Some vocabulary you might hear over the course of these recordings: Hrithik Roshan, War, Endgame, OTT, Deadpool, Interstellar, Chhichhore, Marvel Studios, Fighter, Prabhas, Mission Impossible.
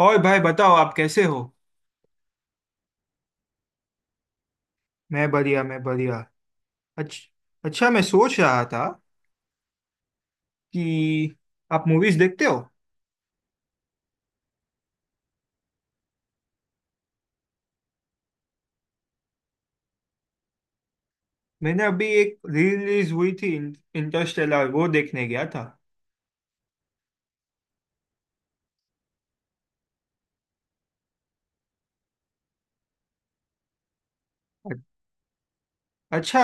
और भाई बताओ, आप कैसे हो? मैं बढ़िया, मैं बढ़िया। अच्छा, अच्छा, मैं सोच रहा था कि आप मूवीज देखते हो। मैंने अभी एक रिलीज हुई थी, इंटरस्टेलर, वो देखने गया था। अच्छा।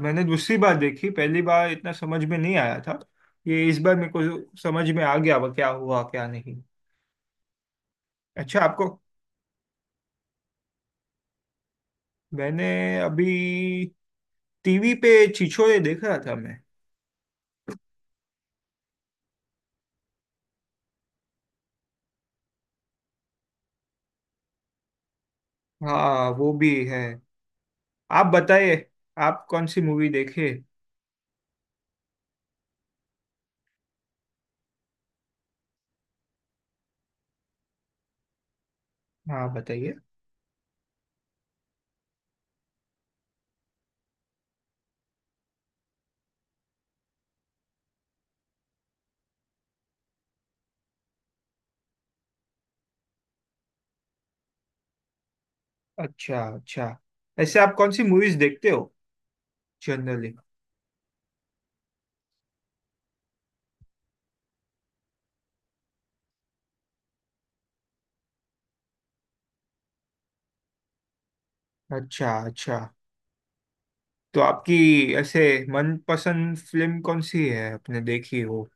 मैंने दूसरी बार देखी, पहली बार इतना समझ में नहीं आया था। ये इस बार मेरे को समझ में आ गया, वो क्या हुआ क्या नहीं। अच्छा। आपको? मैंने अभी टीवी पे छिछोरे देखा था मैं। हाँ, वो भी है। आप बताइए, आप कौन सी मूवी देखे। हाँ, बताइए। अच्छा, अच्छा। ऐसे आप कौन सी मूवीज देखते हो जनरली? अच्छा, अच्छा। तो आपकी ऐसे मनपसंद फिल्म कौन सी है आपने देखी हो?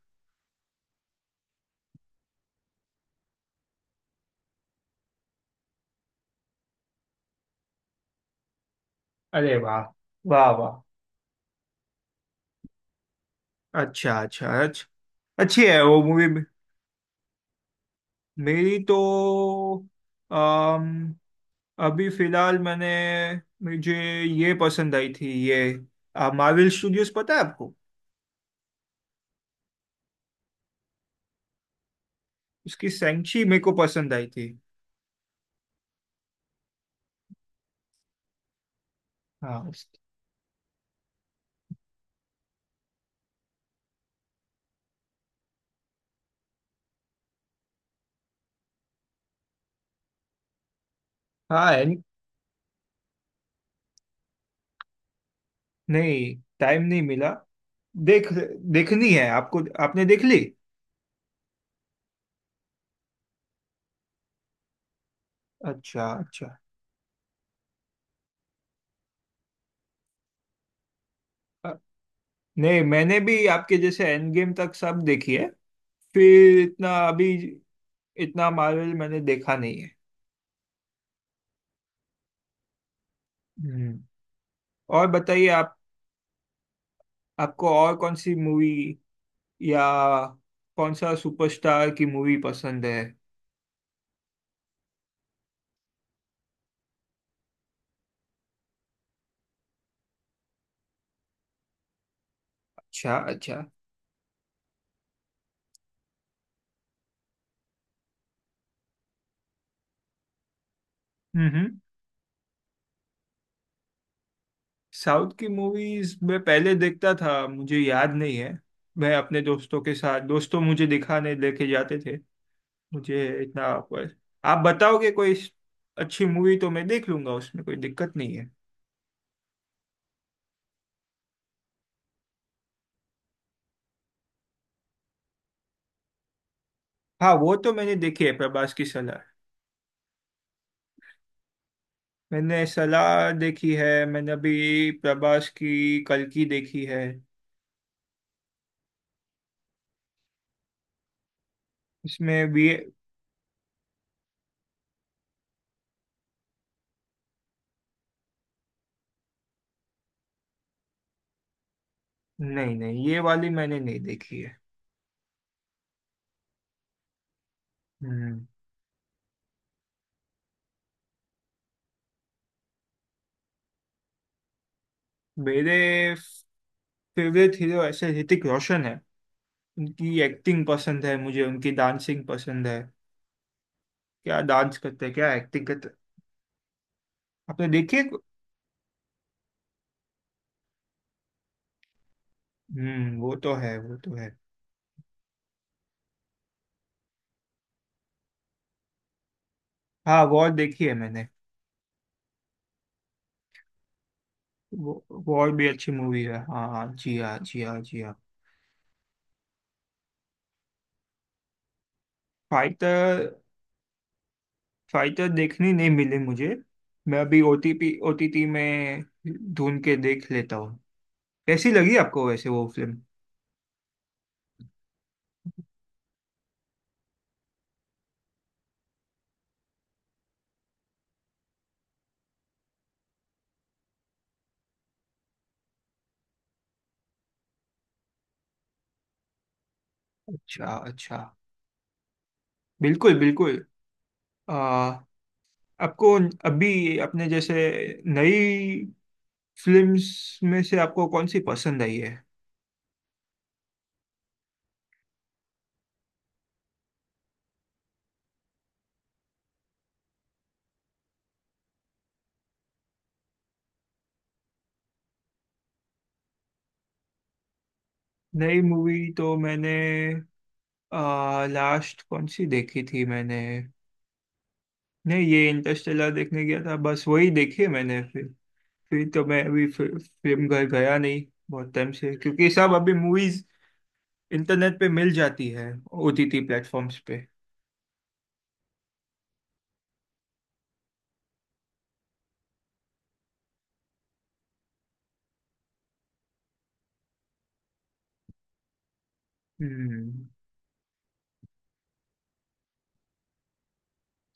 अरे वाह। वाह, वाह। अच्छा, अच्छा, अच्छा। अच्छी है वो मूवी। मेरी तो अम, अभी फिलहाल मैंने, मुझे ये पसंद आई थी, ये मार्वल स्टूडियोज, पता है आपको? उसकी सैंची मेरे को पसंद आई थी। हाँ, हाँ, नहीं, टाइम नहीं मिला। देख देखनी है आपको? आपने देख ली? अच्छा, अच्छा। अ, नहीं, मैंने भी आपके जैसे एंड गेम तक सब देखी है। फिर इतना अभी इतना मार्वल मैंने देखा नहीं है। हम्म। और बताइए आप आपको और कौन सी मूवी या कौन सा सुपरस्टार की मूवी पसंद है? अच्छा, अच्छा। हम्म। साउथ की मूवीज मैं पहले देखता था, मुझे याद नहीं है। मैं अपने दोस्तों के साथ, दोस्तों मुझे दिखाने लेके जाते थे। मुझे इतना पर आप बताओगे कोई अच्छी मूवी तो मैं देख लूंगा, उसमें कोई दिक्कत नहीं है। हाँ, वो तो मैंने देखी है, प्रभास की सलाह। मैंने सलाह देखी है, मैंने अभी प्रभास की कल की देखी है। इसमें भी नहीं, नहीं, ये वाली मैंने नहीं देखी है। हम्म। मेरे फेवरेट हीरो ऐसे ऋतिक रोशन है। उनकी एक्टिंग पसंद है मुझे, उनकी डांसिंग पसंद है। क्या डांस करते हैं, क्या एक्टिंग करते हैं। आपने देखी है? हम्म, वो तो है, वो तो है। हाँ, वॉर देखी है मैंने। वॉर भी अच्छी मूवी है। हाँ जी, हाँ जी, हाँ जी, हाँ। फाइटर। फाइटर देखनी नहीं मिली मुझे। मैं अभी ओटीपी ओटीटी में ढूंढ के देख लेता हूँ। कैसी लगी आपको वैसे वो फिल्म? अच्छा, अच्छा। बिल्कुल, बिल्कुल। आ, आपको अभी अपने जैसे नई फिल्म्स में से आपको कौन सी पसंद आई है? नई मूवी तो मैंने, लास्ट कौन सी देखी थी मैंने? नहीं, ये इंटरस्टेलर देखने गया था, बस वही देखी है मैंने। फिर तो मैं अभी फिल्म घर गया नहीं बहुत टाइम से, क्योंकि सब अभी मूवीज इंटरनेट पे मिल जाती है, ओटीटी प्लेटफॉर्म्स पे। हम्म।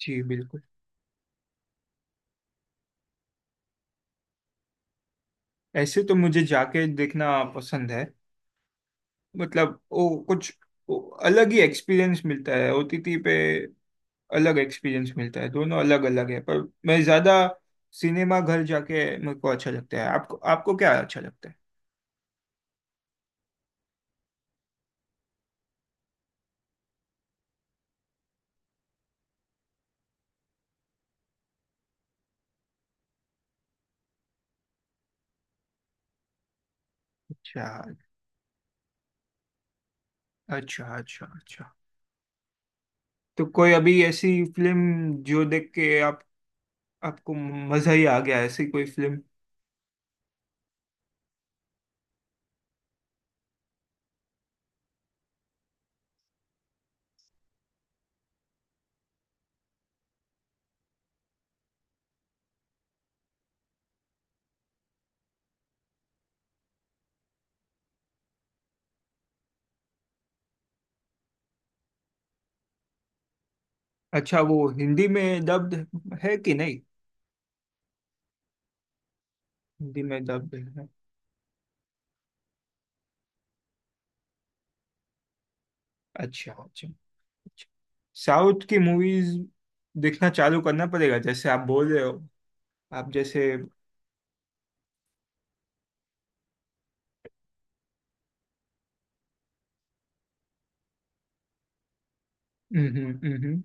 जी बिल्कुल। ऐसे तो मुझे जाके देखना पसंद है। मतलब वो कुछ, वो अलग ही एक्सपीरियंस मिलता है। ओटीटी पे अलग एक्सपीरियंस मिलता है, दोनों अलग अलग है। पर मैं ज्यादा सिनेमा घर जाके मेरे को अच्छा लगता है। आपको आपको क्या अच्छा लगता है? अच्छा, अच्छा, अच्छा, अच्छा। तो कोई अभी ऐसी फिल्म जो देख के आप आपको मजा ही आ गया, ऐसी कोई फिल्म? अच्छा, वो हिंदी में डब्ड है कि नहीं? हिंदी में डब्ड है। अच्छा, अच्छा, अच्छा। साउथ की मूवीज देखना चालू करना पड़ेगा, जैसे आप बोल रहे हो। आप जैसे। हम्म, हम्म,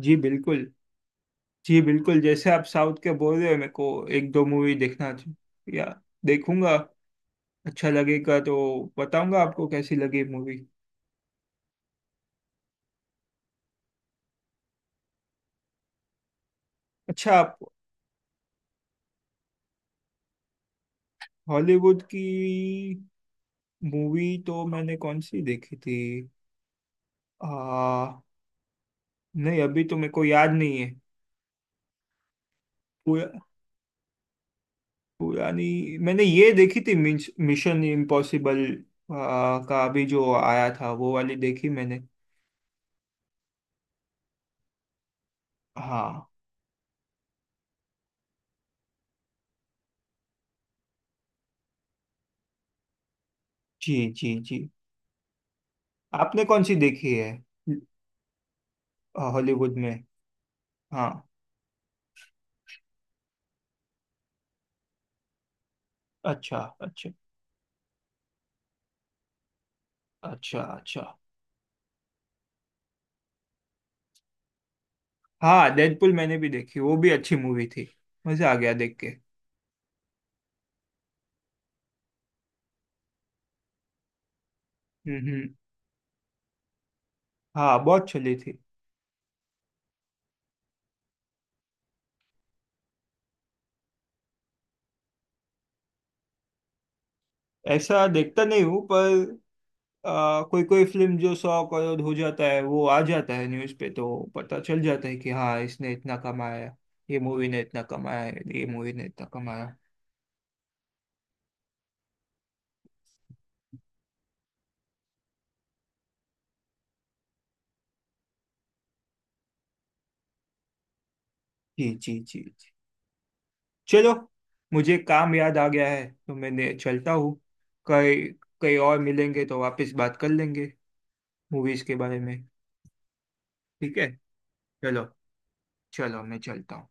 जी बिल्कुल। जी बिल्कुल, जैसे आप साउथ के बोल रहे हो, मेरे को एक दो मूवी देखना चाहिए या देखूंगा। अच्छा लगेगा तो बताऊंगा आपको कैसी लगी मूवी। अच्छा, आप हॉलीवुड की मूवी तो मैंने कौन सी देखी थी? आ, नहीं, अभी तो मेरे को याद नहीं है। पुरा, पुरानी मैंने ये देखी थी, मिशन इम्पॉसिबल, का अभी जो आया था वो वाली देखी मैंने। हाँ। जी, जी, जी। आपने कौन सी देखी है? हॉलीवुड में? हाँ। अच्छा, अच्छा, अच्छा, अच्छा। हाँ, डेडपुल मैंने भी देखी, वो भी अच्छी मूवी थी। मजा आ गया देख के। हम्म, हम्म। हाँ, बहुत चली थी। ऐसा देखता नहीं हूँ, पर कोई कोई फिल्म जो 100 करोड़ हो जाता है वो आ जाता है न्यूज़ पे, तो पता चल जाता है कि हाँ इसने इतना कमाया, ये मूवी ने इतना कमाया, ये मूवी ने इतना कमाया। जी, जी, जी, जी। चलो, मुझे काम याद आ गया है तो मैंने चलता हूँ। कई कई और मिलेंगे तो वापस बात कर लेंगे मूवीज के बारे में। ठीक है। चलो। चलो, मैं चलता हूँ।